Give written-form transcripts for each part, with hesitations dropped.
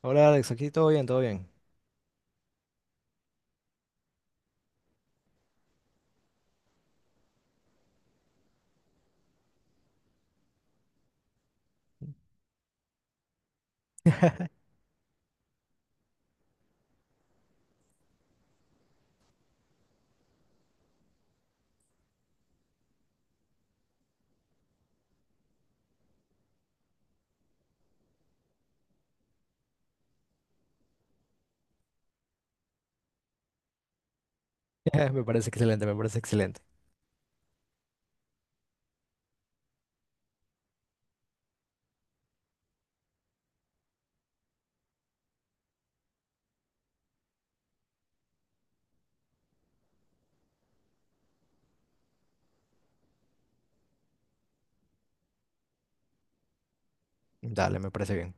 Hola Alex, aquí todo bien, todo bien. Me parece excelente, me parece excelente. Dale, me parece bien.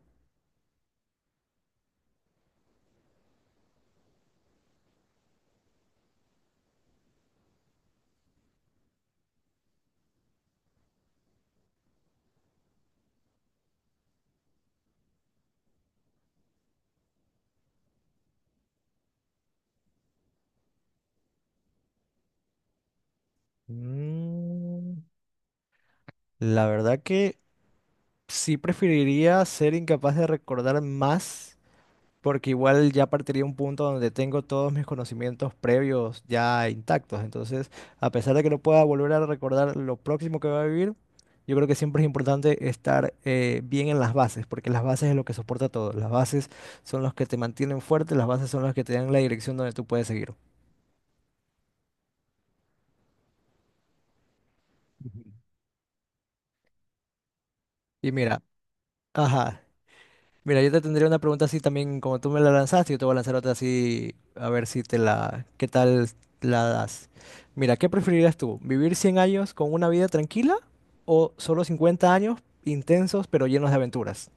Mm, la verdad que sí preferiría ser incapaz de recordar más. Porque igual ya partiría un punto donde tengo todos mis conocimientos previos ya intactos. Entonces, a pesar de que no pueda volver a recordar lo próximo que va a vivir, yo creo que siempre es importante estar bien en las bases, porque las bases es lo que soporta todo. Las bases son los que te mantienen fuerte, las bases son las que te dan la dirección donde tú puedes seguir. Ujú. Y mira, ajá, mira, yo te tendría una pregunta así también, como tú me la lanzaste, yo te voy a lanzar otra así, a ver si te la, qué tal la das. Mira, ¿qué preferirías tú? ¿Vivir 100 años con una vida tranquila o solo 50 años intensos pero llenos de aventuras?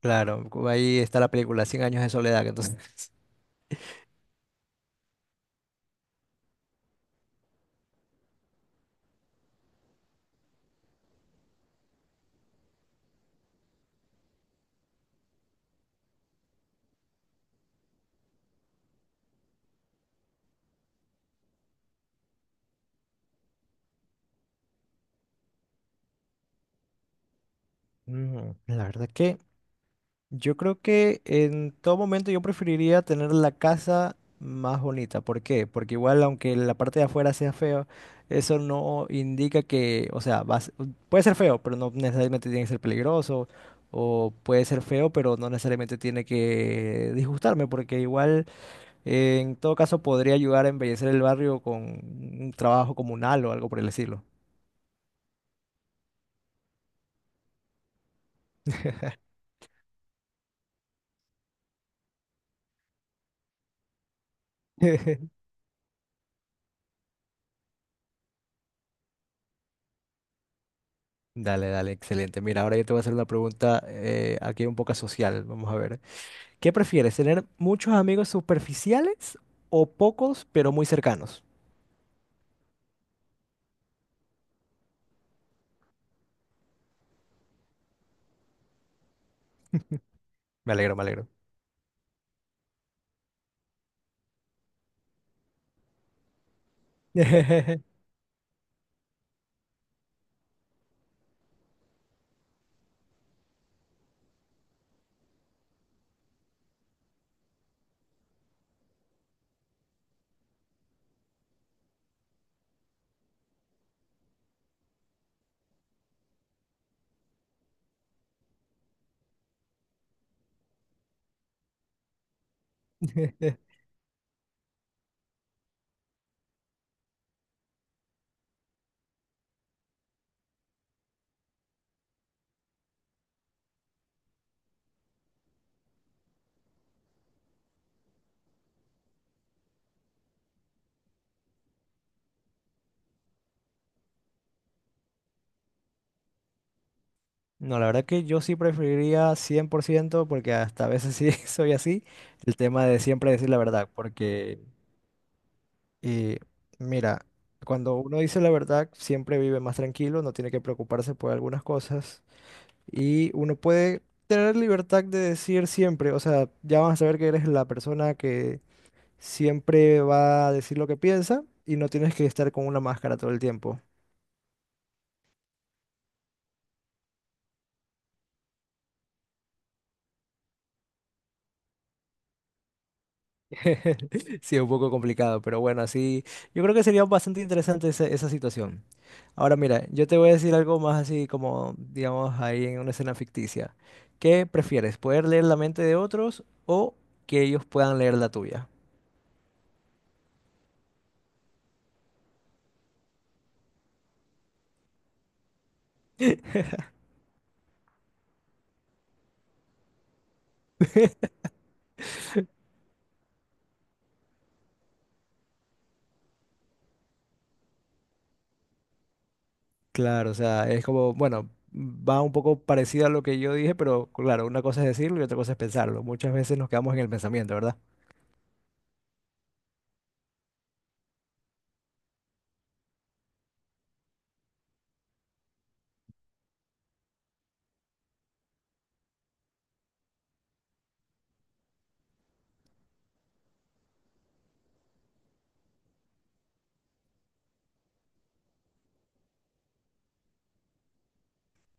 Claro, ahí está la película, 100 años de soledad, entonces. Mm, la verdad que yo creo que en todo momento yo preferiría tener la casa más bonita. ¿Por qué? Porque igual aunque la parte de afuera sea feo, eso no indica que, o sea, puede ser feo, pero no necesariamente tiene que ser peligroso. O puede ser feo, pero no necesariamente tiene que disgustarme, porque igual en todo caso podría ayudar a embellecer el barrio con un trabajo comunal o algo por el estilo. Dale, dale, excelente. Mira, ahora yo te voy a hacer una pregunta aquí un poco social. Vamos a ver. ¿Qué prefieres, tener muchos amigos superficiales o pocos pero muy cercanos? Me alegro, me alegro. No, la verdad que yo sí preferiría 100% porque hasta a veces sí soy así, el tema de siempre decir la verdad, porque eh, mira, cuando uno dice la verdad siempre vive más tranquilo, no tiene que preocuparse por algunas cosas y uno puede tener libertad de decir siempre, o sea, ya van a saber que eres la persona que siempre va a decir lo que piensa y no tienes que estar con una máscara todo el tiempo. Sí, es un poco complicado, pero bueno, así yo creo que sería bastante interesante esa situación. Ahora mira, yo te voy a decir algo más así como, digamos, ahí en una escena ficticia. ¿Qué prefieres? ¿Poder leer la mente de otros o que ellos puedan leer la tuya? Claro, o sea, es como, bueno, va un poco parecido a lo que yo dije, pero claro, una cosa es decirlo y otra cosa es pensarlo. Muchas veces nos quedamos en el pensamiento, ¿verdad?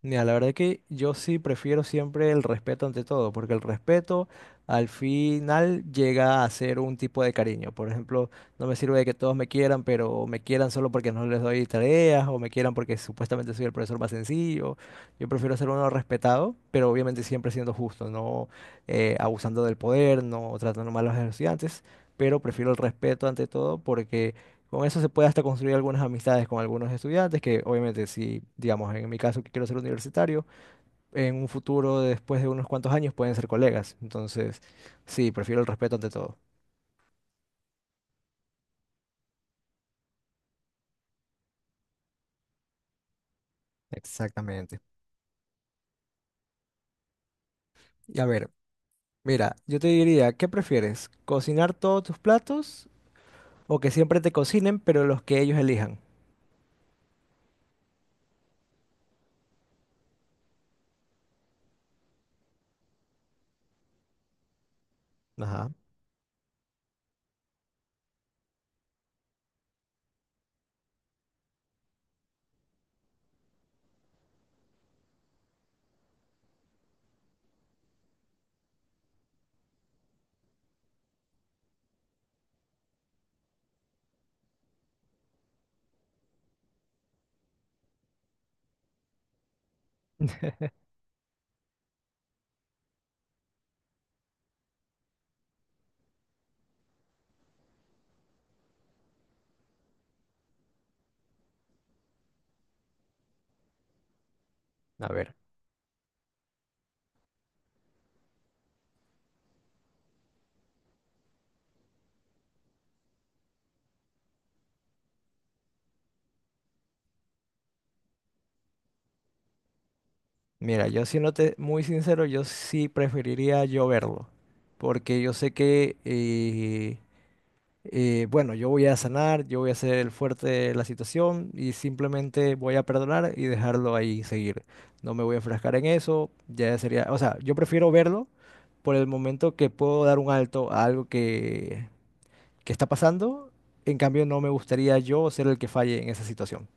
Mira, la verdad que yo sí prefiero siempre el respeto ante todo, porque el respeto al final llega a ser un tipo de cariño. Por ejemplo, no me sirve de que todos me quieran, pero me quieran solo porque no les doy tareas o me quieran porque supuestamente soy el profesor más sencillo. Yo prefiero ser uno respetado, pero obviamente siempre siendo justo, no abusando del poder, no tratando mal a los estudiantes, pero prefiero el respeto ante todo porque… con eso se puede hasta construir algunas amistades con algunos estudiantes, que obviamente si, digamos, en mi caso que quiero ser universitario, en un futuro, después de unos cuantos años, pueden ser colegas. Entonces, sí, prefiero el respeto ante todo. Exactamente. Y a ver, mira, yo te diría, ¿qué prefieres? ¿Cocinar todos tus platos o que siempre te cocinen, pero los que ellos elijan? Ajá. A ver, mira, yo siéndote muy sincero, yo sí preferiría yo verlo, porque yo sé que… bueno, yo voy a sanar, yo voy a ser el fuerte de la situación y simplemente voy a perdonar y dejarlo ahí seguir. No me voy a enfrascar en eso, ya sería, o sea, yo prefiero verlo por el momento que puedo dar un alto a algo que está pasando. En cambio, no me gustaría yo ser el que falle en esa situación.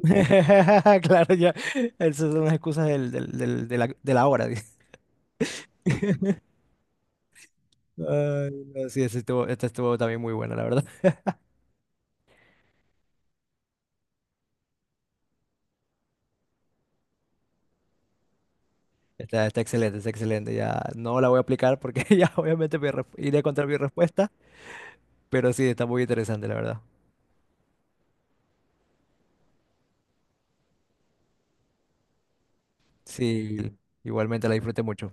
Claro, ya. Esas son las excusas de la hora. Ay, no, sí, esta estuvo también muy buena, la verdad. Está, está excelente, está excelente. Ya no la voy a aplicar porque ya obviamente iré contra mi respuesta, pero sí, está muy interesante, la verdad. Sí, igualmente la disfruté mucho.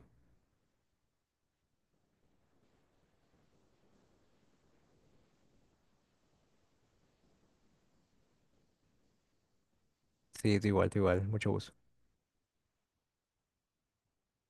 Sí, tú igual, tú igual. Mucho gusto.